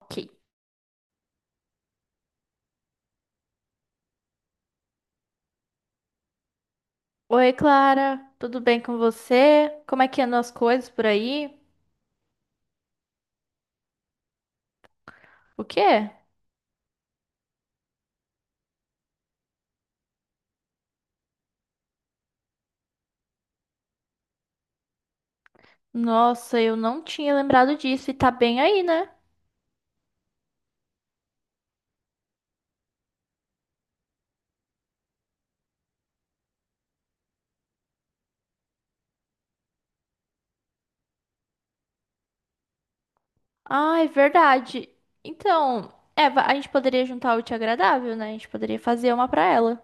Ok. Oi, Clara, tudo bem com você? Como é que andam as coisas por aí? O quê? Nossa, eu não tinha lembrado disso e tá bem aí, né? Ah, é verdade. Então, Eva, a gente poderia juntar o útil ao agradável, né? A gente poderia fazer uma pra ela.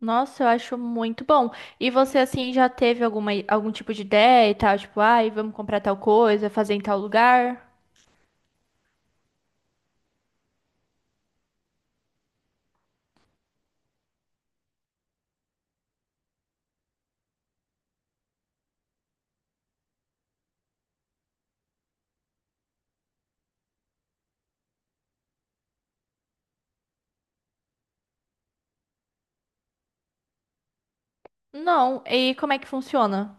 Nossa, eu acho muito bom. E você, assim, já teve alguma, algum tipo de ideia e tal? Tipo, ai, vamos comprar tal coisa, fazer em tal lugar? Não, e como é que funciona?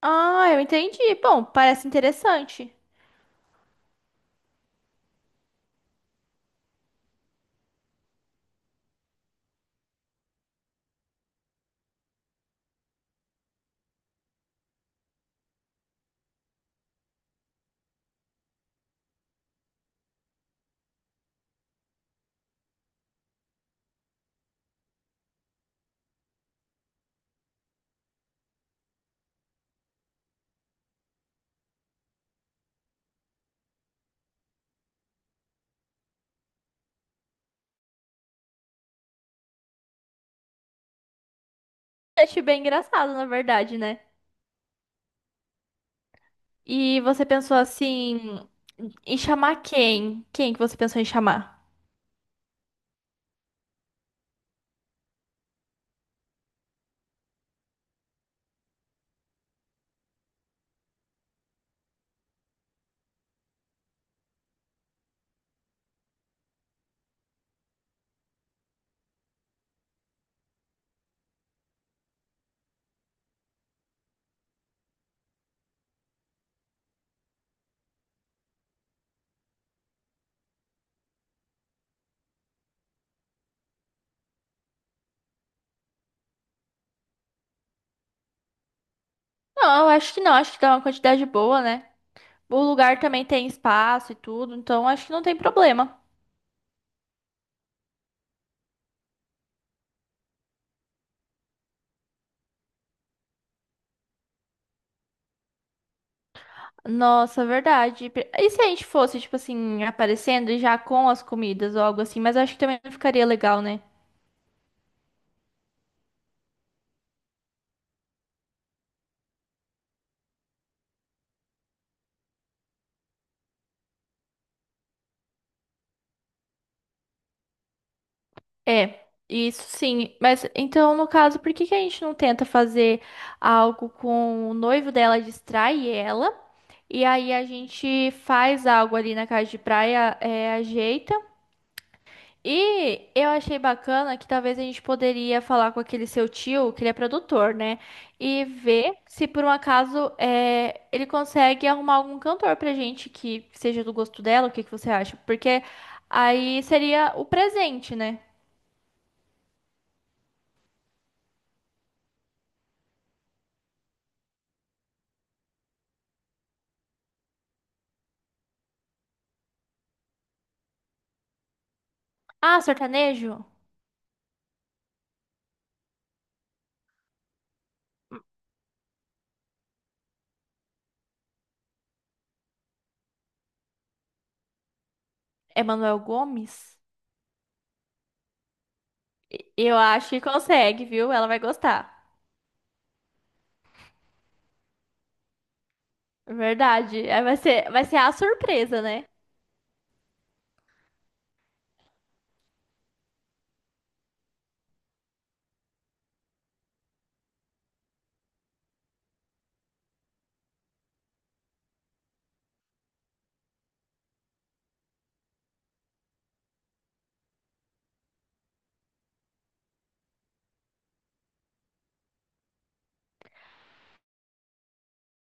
Ah, eu entendi. Bom, parece interessante. Achei bem engraçado, na verdade, né? E você pensou assim, em chamar quem? Quem que você pensou em chamar? Não, eu acho que não, acho que dá uma quantidade boa, né? O lugar também tem espaço e tudo, então acho que não tem problema. Nossa, verdade. E se a gente fosse, tipo assim, aparecendo e já com as comidas ou algo assim? Mas acho que também não ficaria legal, né? É, isso sim. Mas então, no caso, por que que a gente não tenta fazer algo com o noivo dela, distrai ela, e aí a gente faz algo ali na casa de praia, é, ajeita. E eu achei bacana que talvez a gente poderia falar com aquele seu tio, que ele é produtor, né? E ver se por um acaso é, ele consegue arrumar algum cantor pra gente que seja do gosto dela, o que que você acha? Porque aí seria o presente, né? Ah, sertanejo? Emanuel Gomes? Eu acho que consegue, viu? Ela vai gostar. Verdade. Aí vai ser a surpresa, né?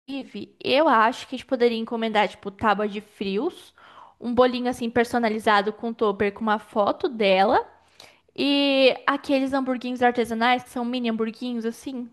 Ive, eu acho que a gente poderia encomendar, tipo, tábua de frios, um bolinho assim personalizado com topper com uma foto dela e aqueles hamburguinhos artesanais que são mini hamburguinhos assim.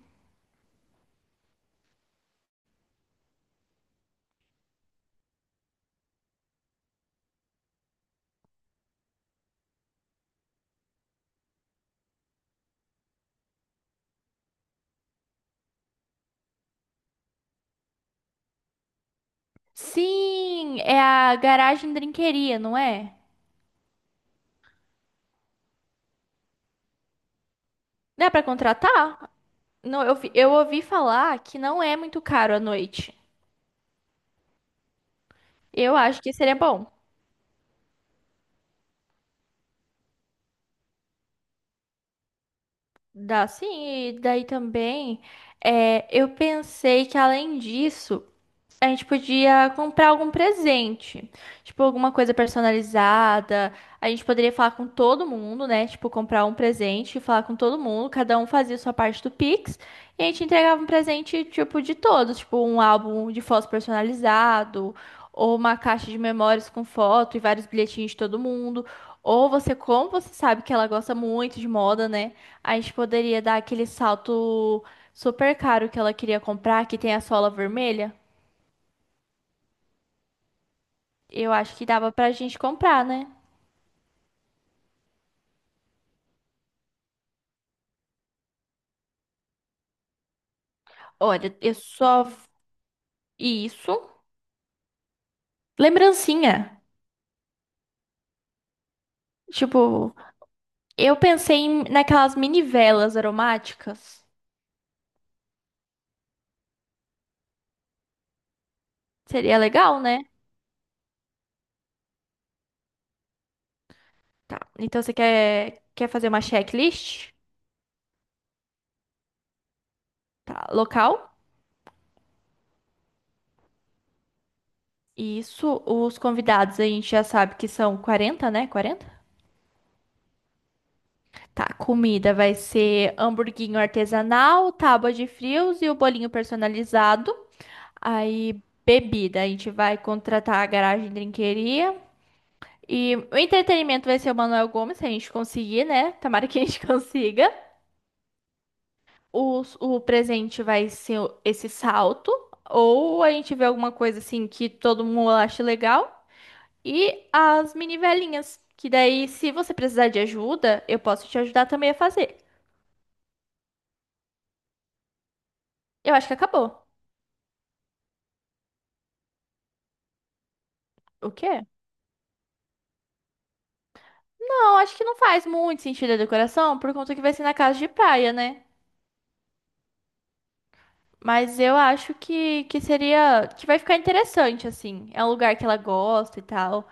Sim, é a garagem drinqueria, não é? Dá pra contratar? Não, eu ouvi falar que não é muito caro à noite. Eu acho que seria bom. Dá sim, e daí também eu pensei que além disso, a gente podia comprar algum presente, tipo alguma coisa personalizada. A gente poderia falar com todo mundo, né? Tipo, comprar um presente e falar com todo mundo. Cada um fazia sua parte do Pix. E a gente entregava um presente, tipo, de todos. Tipo, um álbum de fotos personalizado, ou uma caixa de memórias com foto e vários bilhetinhos de todo mundo. Ou você, como você sabe que ela gosta muito de moda, né? A gente poderia dar aquele salto super caro que ela queria comprar, que tem a sola vermelha. Eu acho que dava pra gente comprar, né? Olha, eu só. Isso. Lembrancinha. Tipo, naquelas mini velas aromáticas. Seria legal, né? Tá. Então você quer fazer uma checklist? Tá. Local. Isso. Os convidados a gente já sabe que são 40, né? 40. Tá. Comida vai ser hamburguinho artesanal, tábua de frios e o bolinho personalizado. Aí, bebida, a gente vai contratar a garagem de drinqueria. E o entretenimento vai ser o Manuel Gomes, se a gente conseguir, né? Tomara que a gente consiga. O presente vai ser esse salto. Ou a gente vê alguma coisa assim que todo mundo acha legal. E as mini velinhas. Que daí, se você precisar de ajuda, eu posso te ajudar também a fazer. Eu acho que acabou. O quê? Não, acho que não faz muito sentido a decoração, por conta que vai ser na casa de praia, né? Mas eu acho que seria. Que vai ficar interessante, assim. É um lugar que ela gosta e tal.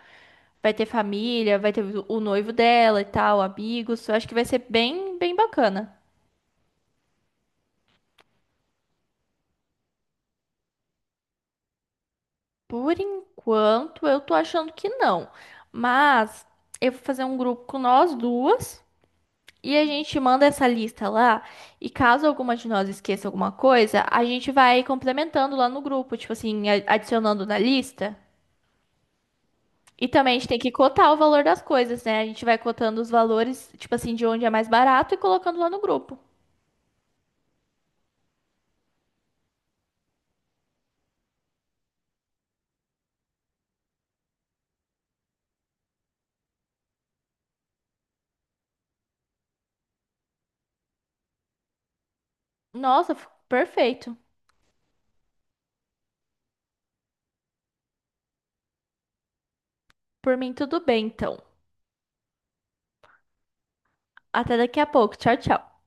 Vai ter família, vai ter o noivo dela e tal, amigos. Eu acho que vai ser bem, bem bacana. Por enquanto, eu tô achando que não. Mas eu vou fazer um grupo com nós duas. E a gente manda essa lista lá. E caso alguma de nós esqueça alguma coisa, a gente vai complementando lá no grupo. Tipo assim, adicionando na lista. E também a gente tem que cotar o valor das coisas, né? A gente vai cotando os valores, tipo assim, de onde é mais barato e colocando lá no grupo. Nossa, perfeito. Por mim, tudo bem, então. Até daqui a pouco. Tchau, tchau.